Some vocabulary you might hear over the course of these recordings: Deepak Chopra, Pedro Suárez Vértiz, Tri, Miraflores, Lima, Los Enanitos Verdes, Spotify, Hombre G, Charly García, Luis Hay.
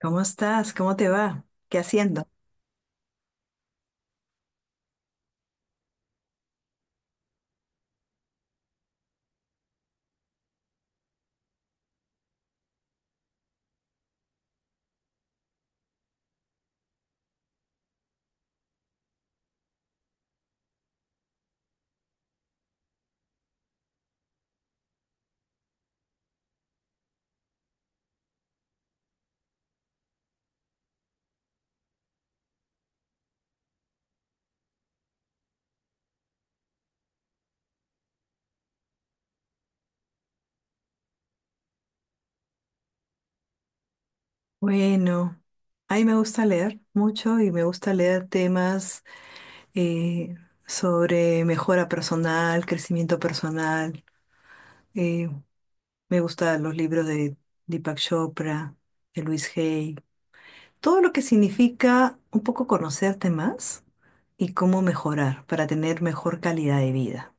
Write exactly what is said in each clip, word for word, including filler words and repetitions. ¿Cómo estás? ¿Cómo te va? ¿Qué haciendo? Bueno, a mí me gusta leer mucho y me gusta leer temas eh, sobre mejora personal, crecimiento personal. Eh, me gustan los libros de Deepak Chopra, de Luis Hay, todo lo que significa un poco conocerte más y cómo mejorar para tener mejor calidad de vida.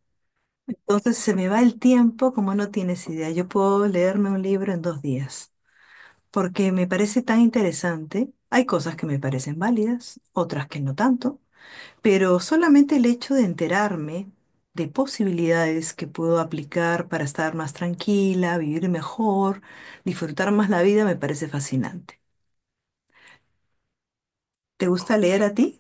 Entonces se me va el tiempo como no tienes idea. Yo puedo leerme un libro en dos días, porque me parece tan interesante. Hay cosas que me parecen válidas, otras que no tanto, pero solamente el hecho de enterarme de posibilidades que puedo aplicar para estar más tranquila, vivir mejor, disfrutar más la vida, me parece fascinante. ¿Te gusta leer a ti?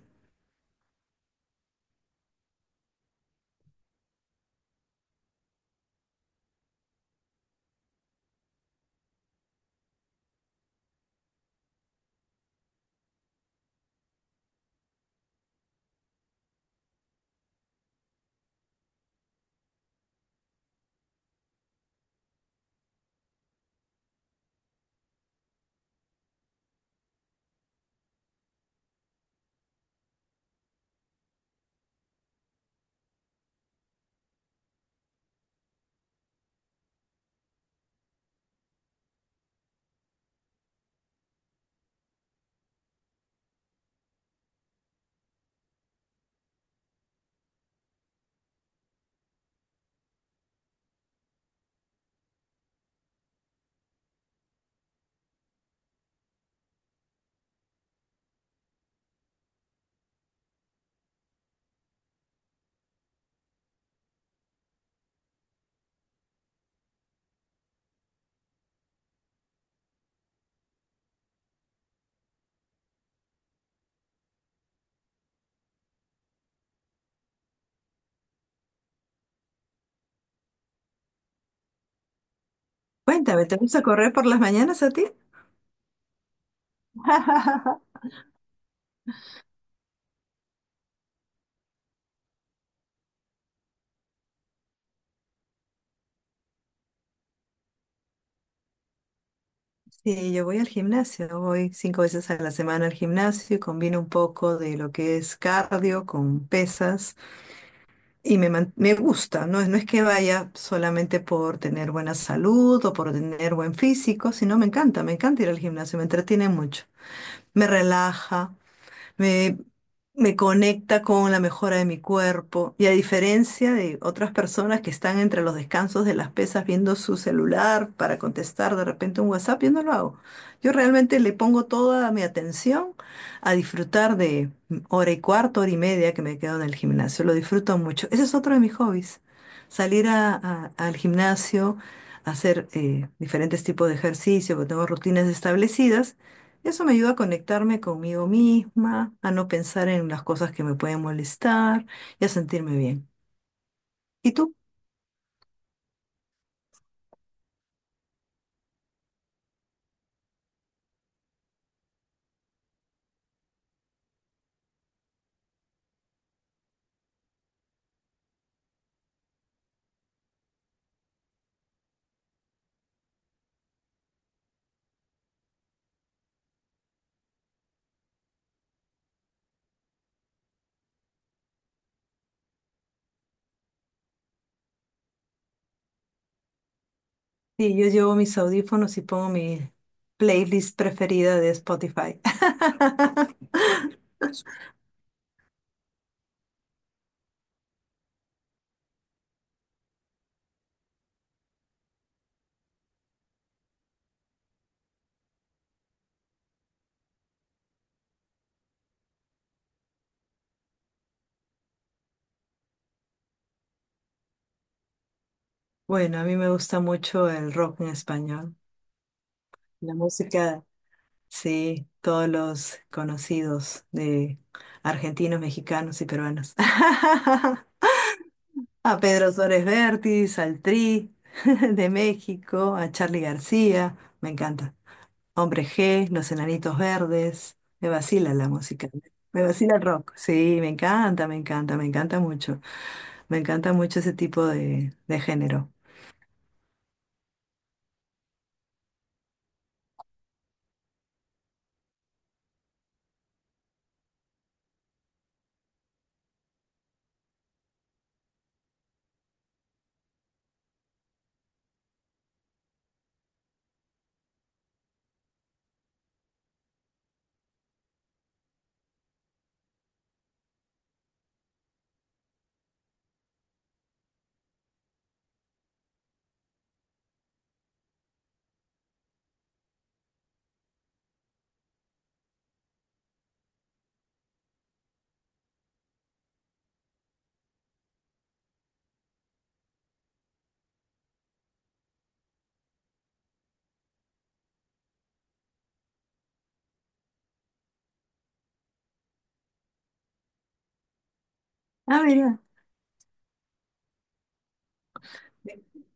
Cuéntame, ¿te gusta correr por las mañanas a ti? Sí, yo voy al gimnasio, voy cinco veces a la semana al gimnasio y combino un poco de lo que es cardio con pesas. Y me, man- me gusta, no es, no es que vaya solamente por tener buena salud o por tener buen físico, sino me encanta, me encanta ir al gimnasio, me entretiene mucho, me relaja, me, me conecta con la mejora de mi cuerpo. Y a diferencia de otras personas que están entre los descansos de las pesas viendo su celular para contestar de repente un WhatsApp, yo no lo hago. Yo realmente le pongo toda mi atención a disfrutar de hora y cuarto, hora y media que me quedo en el gimnasio. Lo disfruto mucho. Ese es otro de mis hobbies. Salir a- a- al gimnasio, hacer eh, diferentes tipos de ejercicio, porque tengo rutinas establecidas, eso me ayuda a conectarme conmigo misma, a no pensar en las cosas que me pueden molestar y a sentirme bien. ¿Y tú? Sí, yo llevo mis audífonos y pongo mi playlist preferida de Spotify. Bueno, a mí me gusta mucho el rock en español, la música, sí, todos los conocidos de argentinos, mexicanos y peruanos. A Pedro Suárez Vértiz, al Tri de México, a Charly García, me encanta. Hombre G, Los Enanitos Verdes, me vacila la música, me vacila el rock, sí, me encanta, me encanta, me encanta mucho, me encanta mucho ese tipo de, de género. Ah, mira,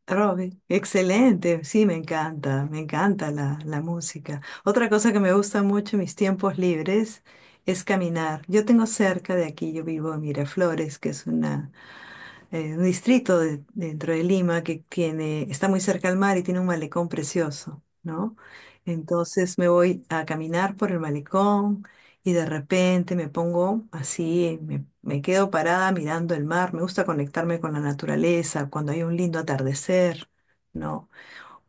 Robbie, excelente, sí, me encanta, me encanta la, la música. Otra cosa que me gusta mucho en mis tiempos libres es caminar. Yo tengo cerca de aquí, yo vivo en Miraflores, que es una eh, un distrito de- dentro de Lima que tiene, está muy cerca al mar y tiene un malecón precioso, ¿no? Entonces me voy a caminar por el malecón y de repente me pongo así, me, me quedo parada mirando el mar, me gusta conectarme con la naturaleza, cuando hay un lindo atardecer, ¿no?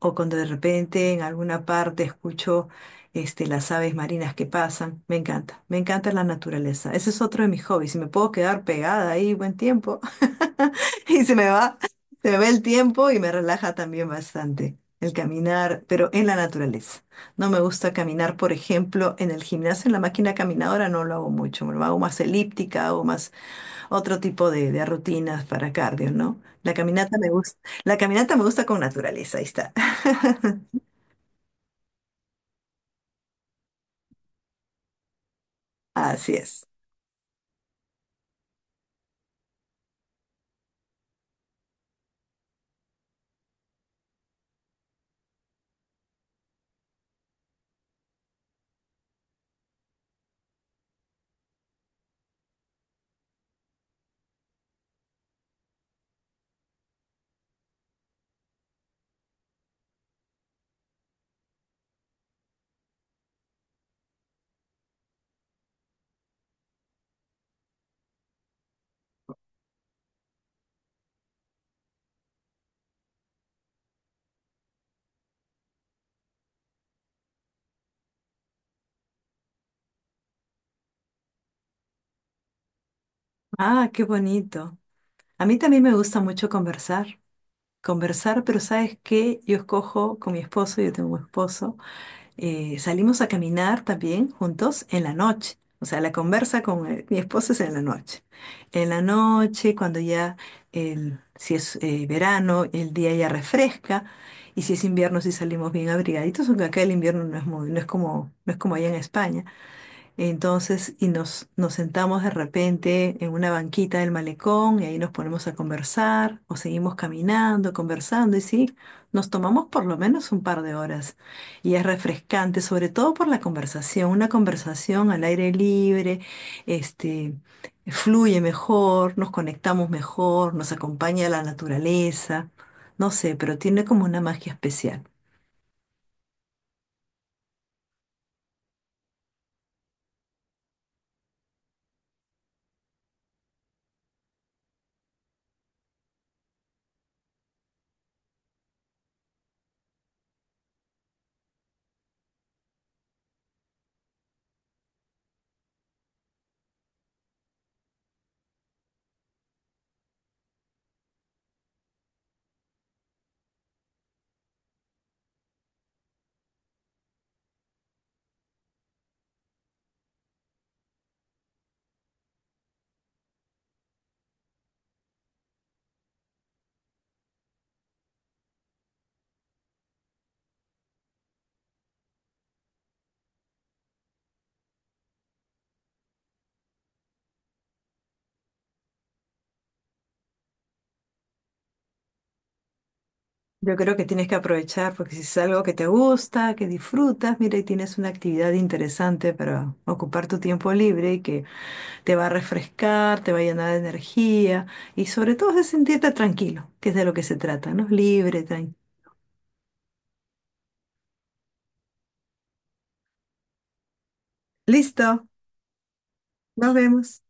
O cuando de repente en alguna parte escucho este, las aves marinas que pasan. Me encanta, me encanta la naturaleza. Ese es otro de mis hobbies. Si me puedo quedar pegada ahí buen tiempo y se me va, se me va el tiempo y me relaja también bastante. El caminar, pero en la naturaleza. No me gusta caminar, por ejemplo, en el gimnasio, en la máquina caminadora no lo hago mucho, me lo hago más elíptica, hago más otro tipo de, de rutinas para cardio, ¿no? La caminata me gusta, la caminata me gusta con naturaleza, ahí está. Así es. Ah, qué bonito. A mí también me gusta mucho conversar, conversar, pero ¿sabes qué? Yo escojo con mi esposo, yo tengo un esposo. Eh, salimos a caminar también juntos en la noche. O sea, la conversa con eh, mi esposo es en la noche. En la noche, cuando ya, el- si es eh, verano, el día ya refresca. Y si es invierno, si salimos bien abrigaditos, aunque acá el invierno no es muy, no es como, no es como allá en España. Entonces, y nos, nos sentamos de repente en una banquita del malecón y ahí nos ponemos a conversar o seguimos caminando, conversando y sí, nos tomamos por lo menos un par de horas. Y es refrescante, sobre todo por la conversación, una conversación al aire libre, este, fluye mejor, nos conectamos mejor, nos acompaña la naturaleza, no sé, pero tiene como una magia especial. Yo creo que tienes que aprovechar porque si es algo que te gusta, que disfrutas, mira, y tienes una actividad interesante para ocupar tu tiempo libre y que te va a refrescar, te va a llenar de energía y sobre todo de sentirte tranquilo, que es de lo que se trata, ¿no? Libre, tranquilo. Listo, nos vemos.